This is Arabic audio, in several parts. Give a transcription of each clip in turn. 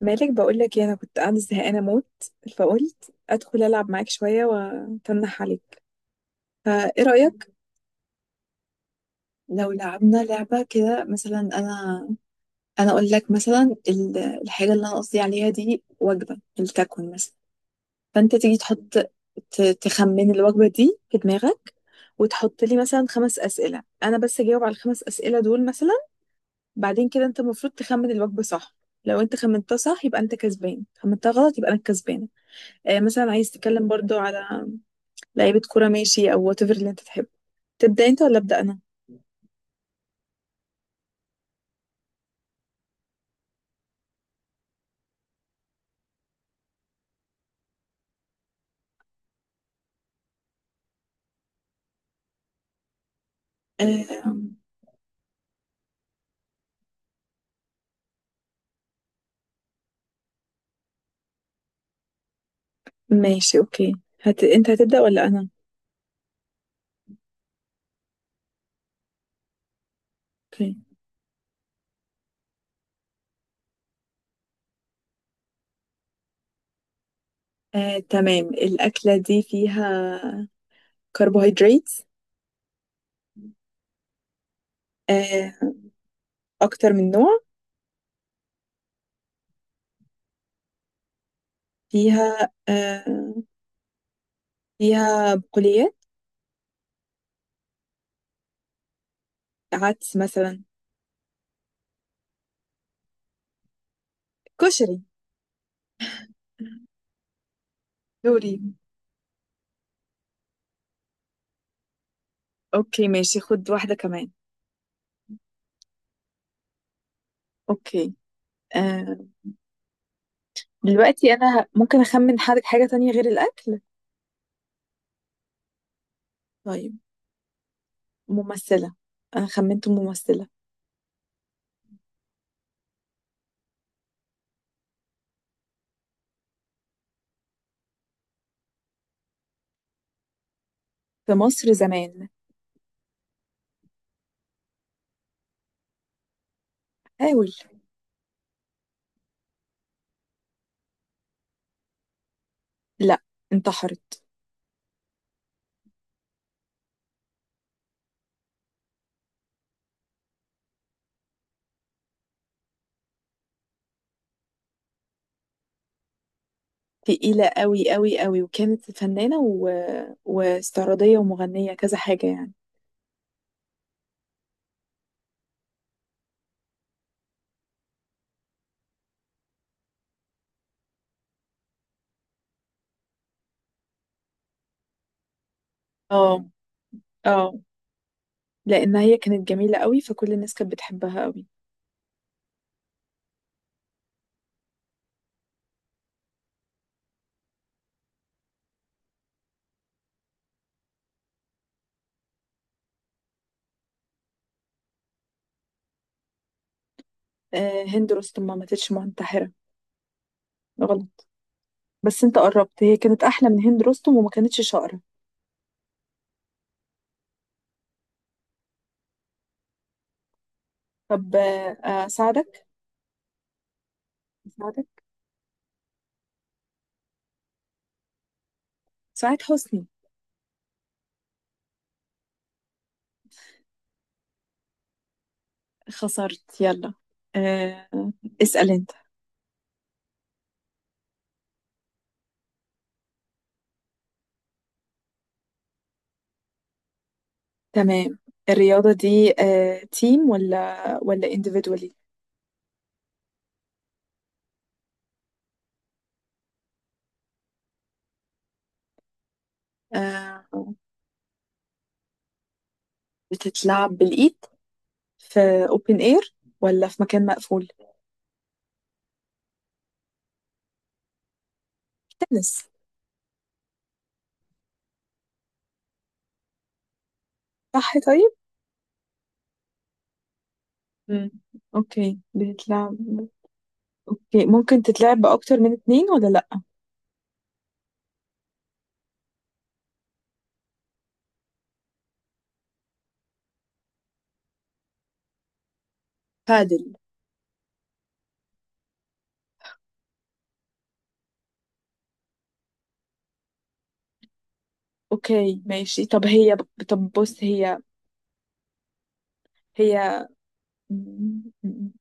مالك؟ بقول لك انا كنت قاعده زهقانه موت، فقلت ادخل العب معاك شويه واتنح عليك. فايه رايك؟ لو لعبنا لعبه كده مثلا، انا اقول لك مثلا الحاجه اللي انا قصدي عليها دي وجبه الكاكون مثلا، فانت تيجي تحط، تخمن الوجبه دي في دماغك، وتحط لي مثلا خمس اسئله. انا بس اجاوب على الخمس اسئله دول مثلا، بعدين كده انت المفروض تخمن الوجبه صح. لو انت خمنتها صح يبقى انت كسبان، خمنتها غلط يبقى انا الكسبان. مثلا عايز تتكلم برضو على لعيبة كورة، ماشي، أو whatever اللي أنت تحبه. تبدأ أنت ولا أبدأ أنا؟ آه، ماشي، أوكي. أنت هتبدأ ولا أنا؟ اوكي. آه، تمام. الأكلة دي فيها كربوهيدرات؟ آه، أكتر من نوع؟ فيها، فيها بقوليات؟ عدس مثلا؟ كشري؟ دوري. أوكي ماشي، خد واحدة كمان. أوكي. آه، دلوقتي أنا ممكن أخمن حاجة، تانية غير الأكل؟ طيب، ممثلة. أنا خمنت ممثلة. في مصر زمان. حاول. لا، انتحرت. تقيلة قوي قوي قوي، وكانت فنانة واستعراضية ومغنية، كذا حاجة يعني. اه، اه، لأن هي كانت جميلة قوي فكل الناس كانت بتحبها قوي. آه هند رستم ما ماتتش منتحرة. غلط. بس انت قربت، هي كانت أحلى من هند رستم وما كانتش شقرة. طب آه، أساعدك. أساعدك. سعاد حسني. خسرت يلا. آه، اسأل انت. تمام. الرياضة دي آه، تيم ولا individually؟ آه، بتتلعب بالإيد في open air ولا في مكان مقفول؟ تنس. صح؟ طيب. مم. اوكي، بتتلعب. اوكي، ممكن تتلعب بأكتر من اتنين ولا لأ؟ بادل. اوكي ماشي، طب بص، هي مم، مم،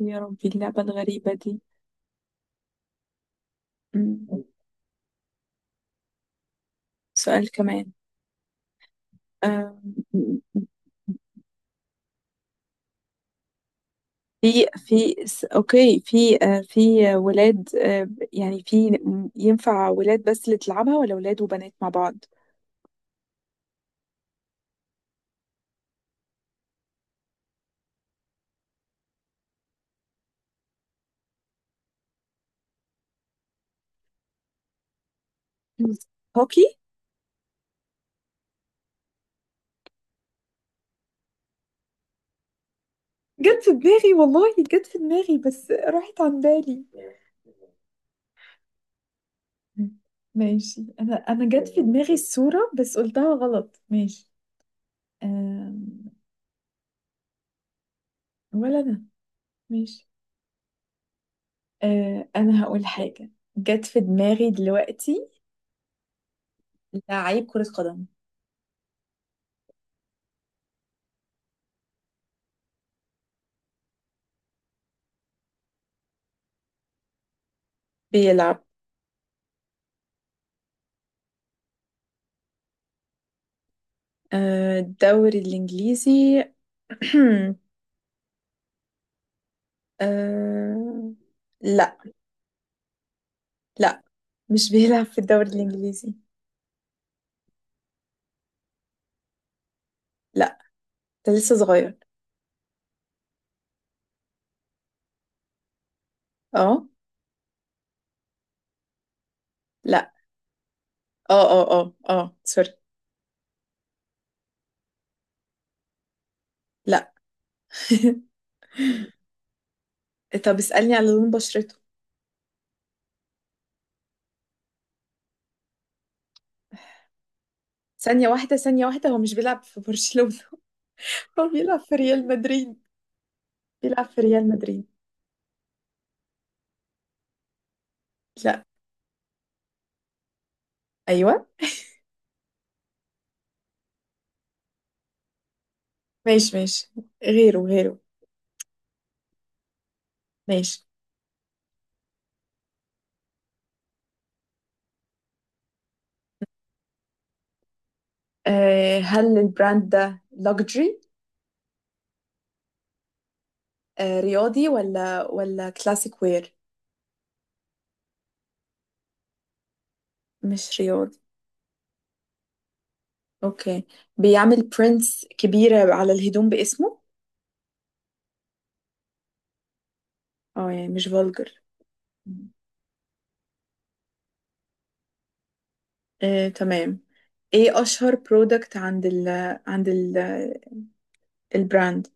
يا ربي اللعبة الغريبة دي. مم، سؤال كمان. آه، في في س- اوكي في آه، في ولاد، يعني في، ينفع ولاد بس اللي تلعبها ولا ولاد وبنات مع بعض؟ مم. هوكي. جت في دماغي والله، جت في دماغي بس راحت عن بالي. ماشي. انا جت في دماغي الصورة بس قلتها غلط. ماشي. أم... ولا انا. ماشي. أه... انا هقول حاجة جت في دماغي دلوقتي. لعيب كرة قدم. بيلعب. آه، الدوري الانجليزي. أه... لا. لا مش بيلعب في الدوري الإنجليزي. لا، ده لسه صغير. اه. لا. اه اه اه اه، سوري. لا. طب اسألني على لون بشرته. ثانية واحدة، ثانية واحدة، هو مش بيلعب في برشلونة. هو بيلعب في ريال مدريد. بيلعب في ريال مدريد. لا. أيوة. ماشي ماشي. غيره غيره. ماشي. أه هل البراند ده لوكجري؟ أه. رياضي ولا كلاسيك وير؟ مش رياضي. اوكي. بيعمل برينتس كبيرة على الهدوم باسمه؟ اه يعني مش فولجر؟ آه، تمام. ايه اشهر برودكت عند ال عند ال البراند؟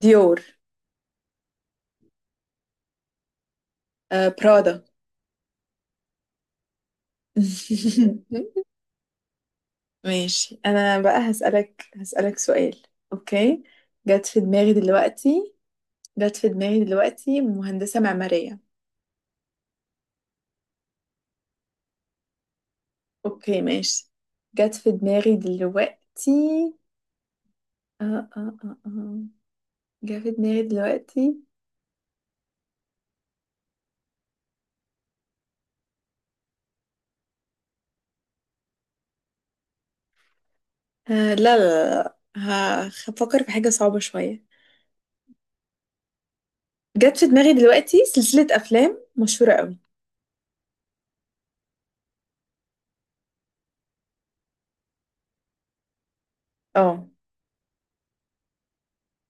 ديور. آه، برادا. ماشي، انا بقى هسألك، هسألك سؤال. اوكي. جت في دماغي دلوقتي. جت في دماغي دلوقتي مهندسة معمارية. اوكي ماشي. جت في دماغي دلوقتي. اه اه اه اه جت في دماغي دلوقتي. آه، لا لا. لا هفكر في حاجة صعبة شوية. جت في دماغي دلوقتي سلسلة أفلام مشهورة قوي. اه.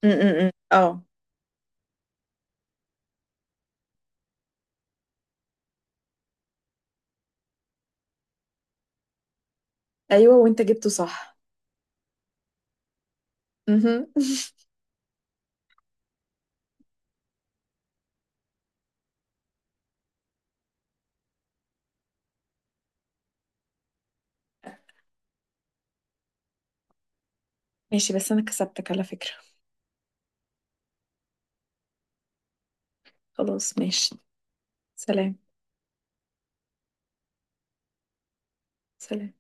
م- م- م. اه. أيوة وأنت جبته صح. مهم. ماشي بس أنا كسبتك على فكرة. خلاص ماشي. سلام. سلام.